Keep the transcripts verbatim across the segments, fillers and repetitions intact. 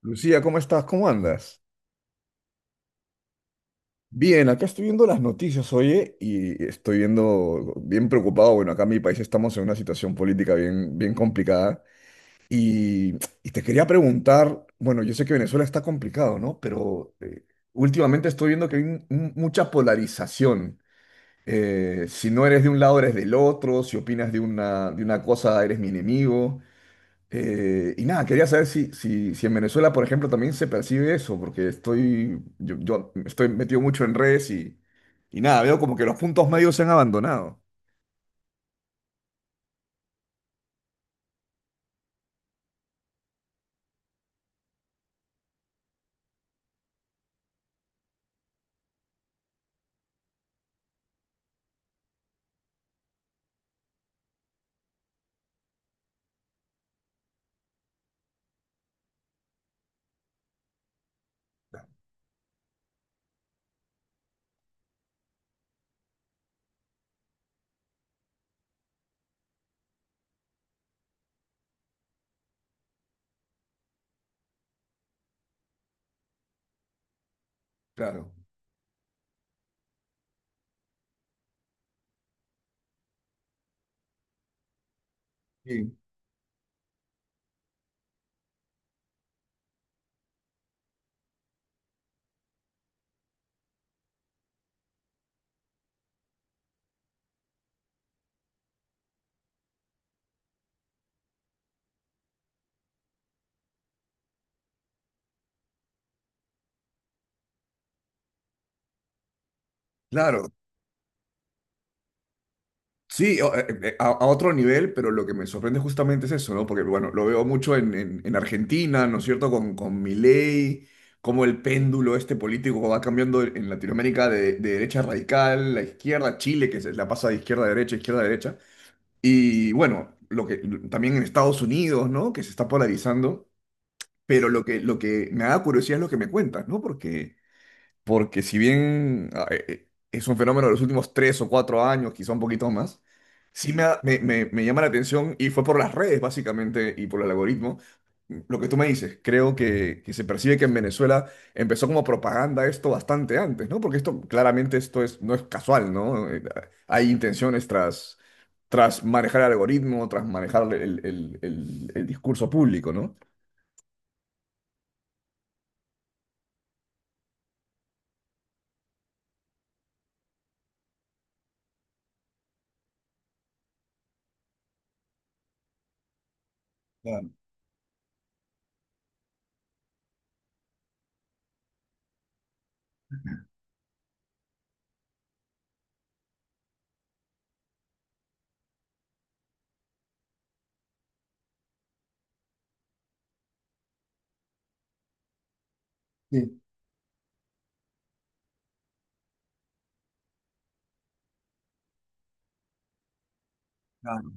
Lucía, ¿cómo estás? ¿Cómo andas? Bien, acá estoy viendo las noticias, oye, y estoy viendo bien preocupado. Bueno, acá en mi país estamos en una situación política bien, bien complicada. Y, y te quería preguntar, bueno, yo sé que Venezuela está complicado, ¿no? Pero eh, últimamente estoy viendo que hay un- un- mucha polarización. Eh, si no eres de un lado, eres del otro. Si opinas de una, de una cosa, eres mi enemigo. Eh, y nada, quería saber si, si, si en Venezuela, por ejemplo, también se percibe eso, porque estoy, yo, yo estoy metido mucho en redes y, y nada, veo como que los puntos medios se han abandonado. Claro. Sí. Claro, sí, o- eh, eh, a, a otro nivel, pero lo que me sorprende justamente es eso, ¿no? Porque, bueno, lo veo mucho en, en- en Argentina, ¿no es cierto? Con, con Milei, cómo el péndulo este político va cambiando en Latinoamérica de, de derecha radical a izquierda, Chile, que se la pasa de izquierda a derecha, izquierda a derecha. Y bueno, lo que también en Estados Unidos, ¿no? Que se está polarizando, pero lo que, lo que me da curiosidad es lo que me cuentas, ¿no? Porque porque si bien ah, eh, eh, es un fenómeno de los últimos tres o cuatro años, quizá un poquito más, sí me, ha- me, me- me llama la atención y fue por las redes básicamente y por el algoritmo. Lo que tú me dices, creo que, que se percibe que en Venezuela empezó como propaganda esto bastante antes, ¿no? Porque esto claramente esto es, no es casual, ¿no? Eh, Hay intenciones tras, tras manejar el algoritmo, tras manejar el, el el- el- el discurso público, ¿no? Claro, sí. Claro.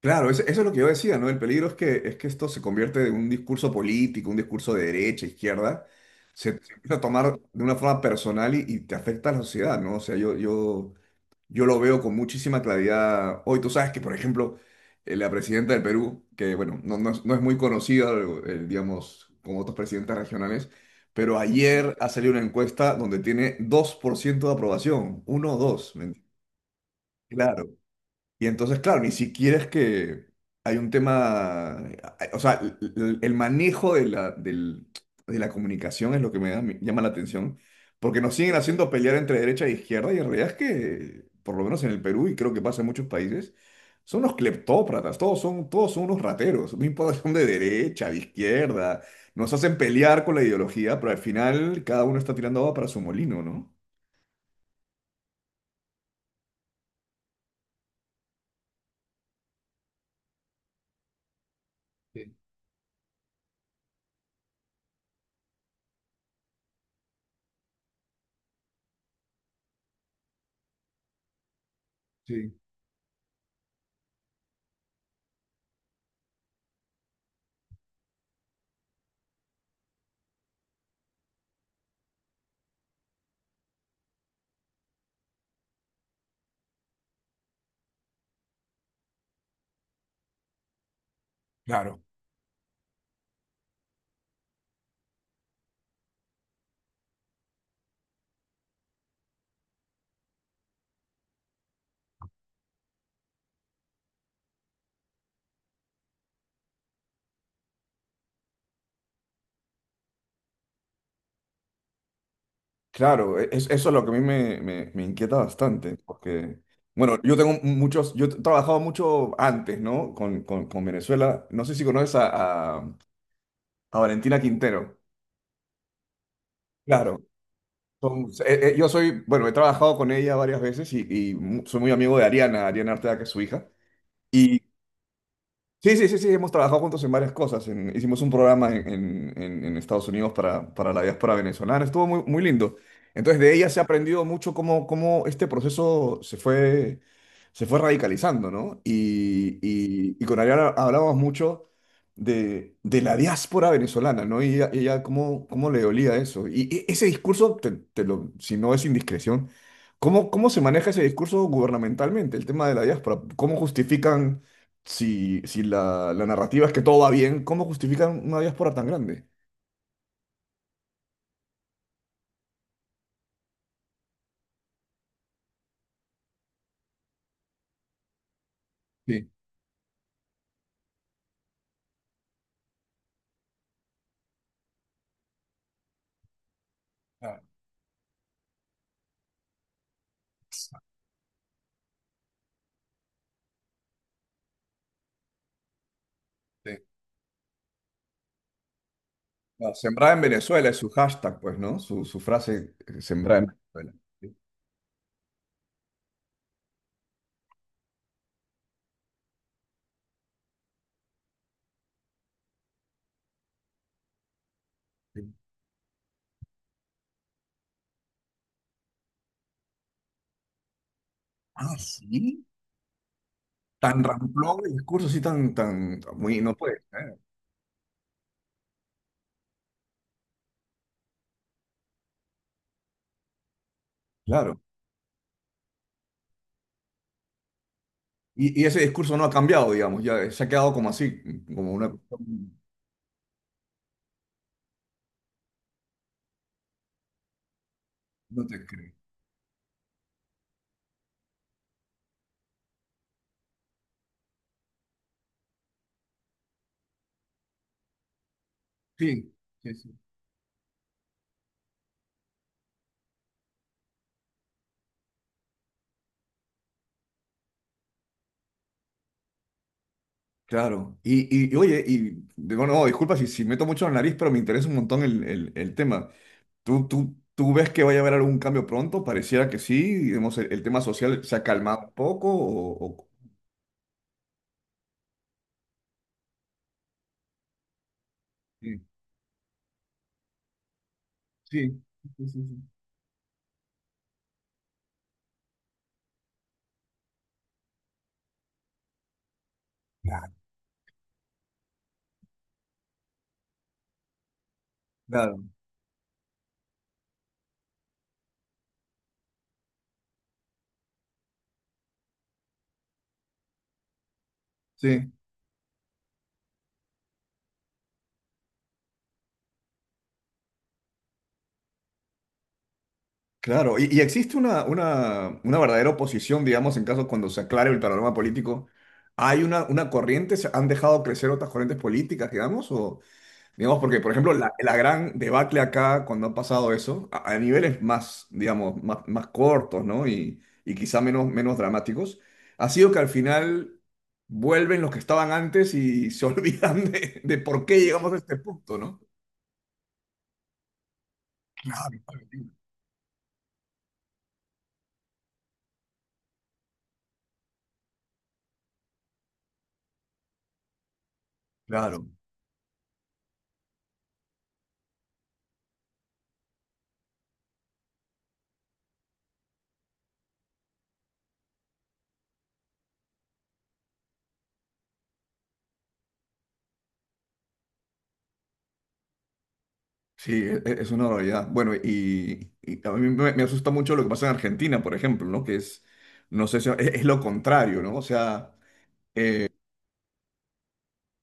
Claro, eso, eso es lo que yo decía, ¿no? El peligro es que, es que esto se convierte en un discurso político, un discurso de derecha, izquierda, se, se empieza a tomar de una forma personal y, y te afecta a la sociedad, ¿no? O sea, yo, yo, yo lo veo con muchísima claridad hoy. Tú sabes que, por ejemplo, eh, la presidenta del Perú, que, bueno, no, no es, no es muy conocida, eh, digamos, como otros presidentes regionales, pero ayer ha salido una encuesta donde tiene dos por ciento de aprobación, uno o dos. ¿Me entiendes? Claro. Y entonces, claro, ni siquiera es que hay un tema, o sea, l- l- el manejo de la, del- de la comunicación es lo que me da- me llama la atención, porque nos siguen haciendo pelear entre derecha e izquierda y en realidad es que, por lo menos en el Perú y creo que pasa en muchos países, son unos cleptócratas, todos son, todos son unos rateros, no importa si son de derecha, de izquierda, nos hacen pelear con la ideología, pero al final cada uno está tirando agua para su molino, ¿no? Sí, sí, claro. Claro, e- es- eso es lo que a mí me, me- me inquieta bastante, porque, bueno, yo tengo muchos, yo he trabajado mucho antes, ¿no? Con, con- con Venezuela. No sé si conoces a, a- a Valentina Quintero. Claro, son- eh, eh, yo soy, bueno, he trabajado con ella varias veces y, y mu- soy muy amigo de Ariana, Ariana Arteaga, que es su hija. Sí, sí, sí, sí, hemos trabajado juntos en varias cosas. En- hicimos un programa en, en- en- en Estados Unidos para, para la diáspora venezolana. Estuvo muy, muy lindo. Entonces, de ella se ha aprendido mucho cómo, cómo este proceso se fue, se fue radicalizando, ¿no? Y, y- y con Ariana hablábamos mucho de, de la diáspora venezolana, ¿no? Y ella, ella cómo, cómo le dolía eso. Y, e- ese discurso, te- te lo- si no es indiscreción, ¿cómo, cómo se maneja ese discurso gubernamentalmente, el tema de la diáspora? ¿Cómo justifican? Si, si la, la narrativa es que todo va bien, ¿cómo justifican una diáspora tan grande? Sí, claro, sí. No, sembrar en Venezuela es su hashtag, pues, ¿no? Su, su frase, eh, sembrar en Venezuela. Sí, sí. Ah, sí. Tan ramplón el discurso, sí, tan, tan, tan- muy, no puede ser, claro. Y, y ese discurso no ha cambiado, digamos, ya se ha quedado como así, como una cuestión. No te creo. Sí, sí, sí. Claro. Y, y, y oye, y, de- bueno, no, disculpa si, si meto mucho la nariz, pero me interesa un montón el, el- el tema. ¿Tú, tú, tú ves que vaya a haber algún cambio pronto? Pareciera que sí. Digamos, el, el tema social se ha calmado un poco. O, o... Sí, sí, sí, sí, sí. Claro, claro, sí, claro. Y, y existe una, una, una verdadera oposición, digamos, en caso cuando se aclare el panorama político. ¿Hay una, una corriente? ¿Se han dejado crecer otras corrientes políticas, digamos? O, digamos, porque, por ejemplo, la, la gran debacle acá, cuando ha pasado eso, a, a niveles más, digamos, más, más cortos, ¿no? Y, y quizá menos, menos dramáticos, ha sido que al final vuelven los que estaban antes y se olvidan de, de por qué llegamos a este punto, ¿no? Claro, claro, sí, e- e- es una barbaridad. Bueno, y, y a mí me, me asusta mucho lo que pasa en Argentina, por ejemplo, ¿no? Que es, no sé si es, es lo contrario, ¿no? O sea...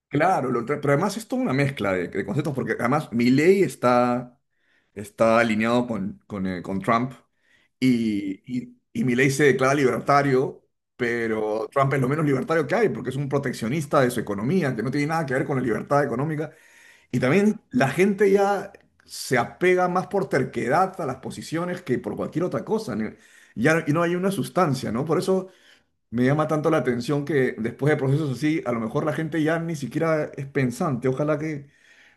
Claro, lo tra- pero además es toda una mezcla de, de conceptos, porque además Milley está, está alineado con, con, eh, con Trump y, y, y Milley se declara libertario, pero Trump es lo menos libertario que hay, porque es un proteccionista de su economía, que no tiene nada que ver con la libertad económica. Y también la gente ya se apega más por terquedad a las posiciones que por cualquier otra cosa. Ni... ya, y no hay una sustancia, ¿no? Por eso... Me llama tanto la atención que después de procesos así, a lo mejor la gente ya ni siquiera es pensante. Ojalá que,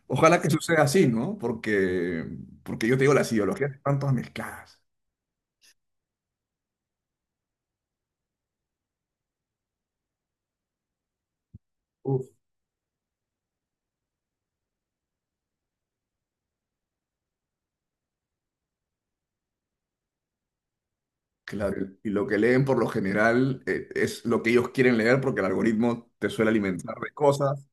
ojalá que suceda así, ¿no? Porque, porque yo te digo, las ideologías están todas mezcladas. Uf, claro, y lo que leen por lo general eh, es lo que ellos quieren leer porque el algoritmo te suele alimentar de cosas.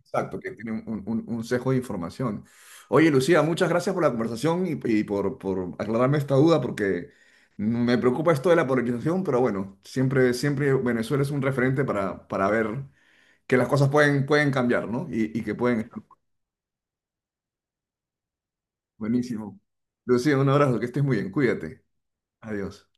Exacto, que tiene un, un, un sesgo de información. Oye, Lucía, muchas gracias por la conversación y, y por, por aclararme esta duda, porque me preocupa esto de la polarización, pero bueno, siempre, siempre Venezuela es un referente para, para ver que las cosas pueden, pueden cambiar, ¿no? Y, y que pueden estar buenísimo. Lucía, un abrazo, que estés muy bien, cuídate. Adiós.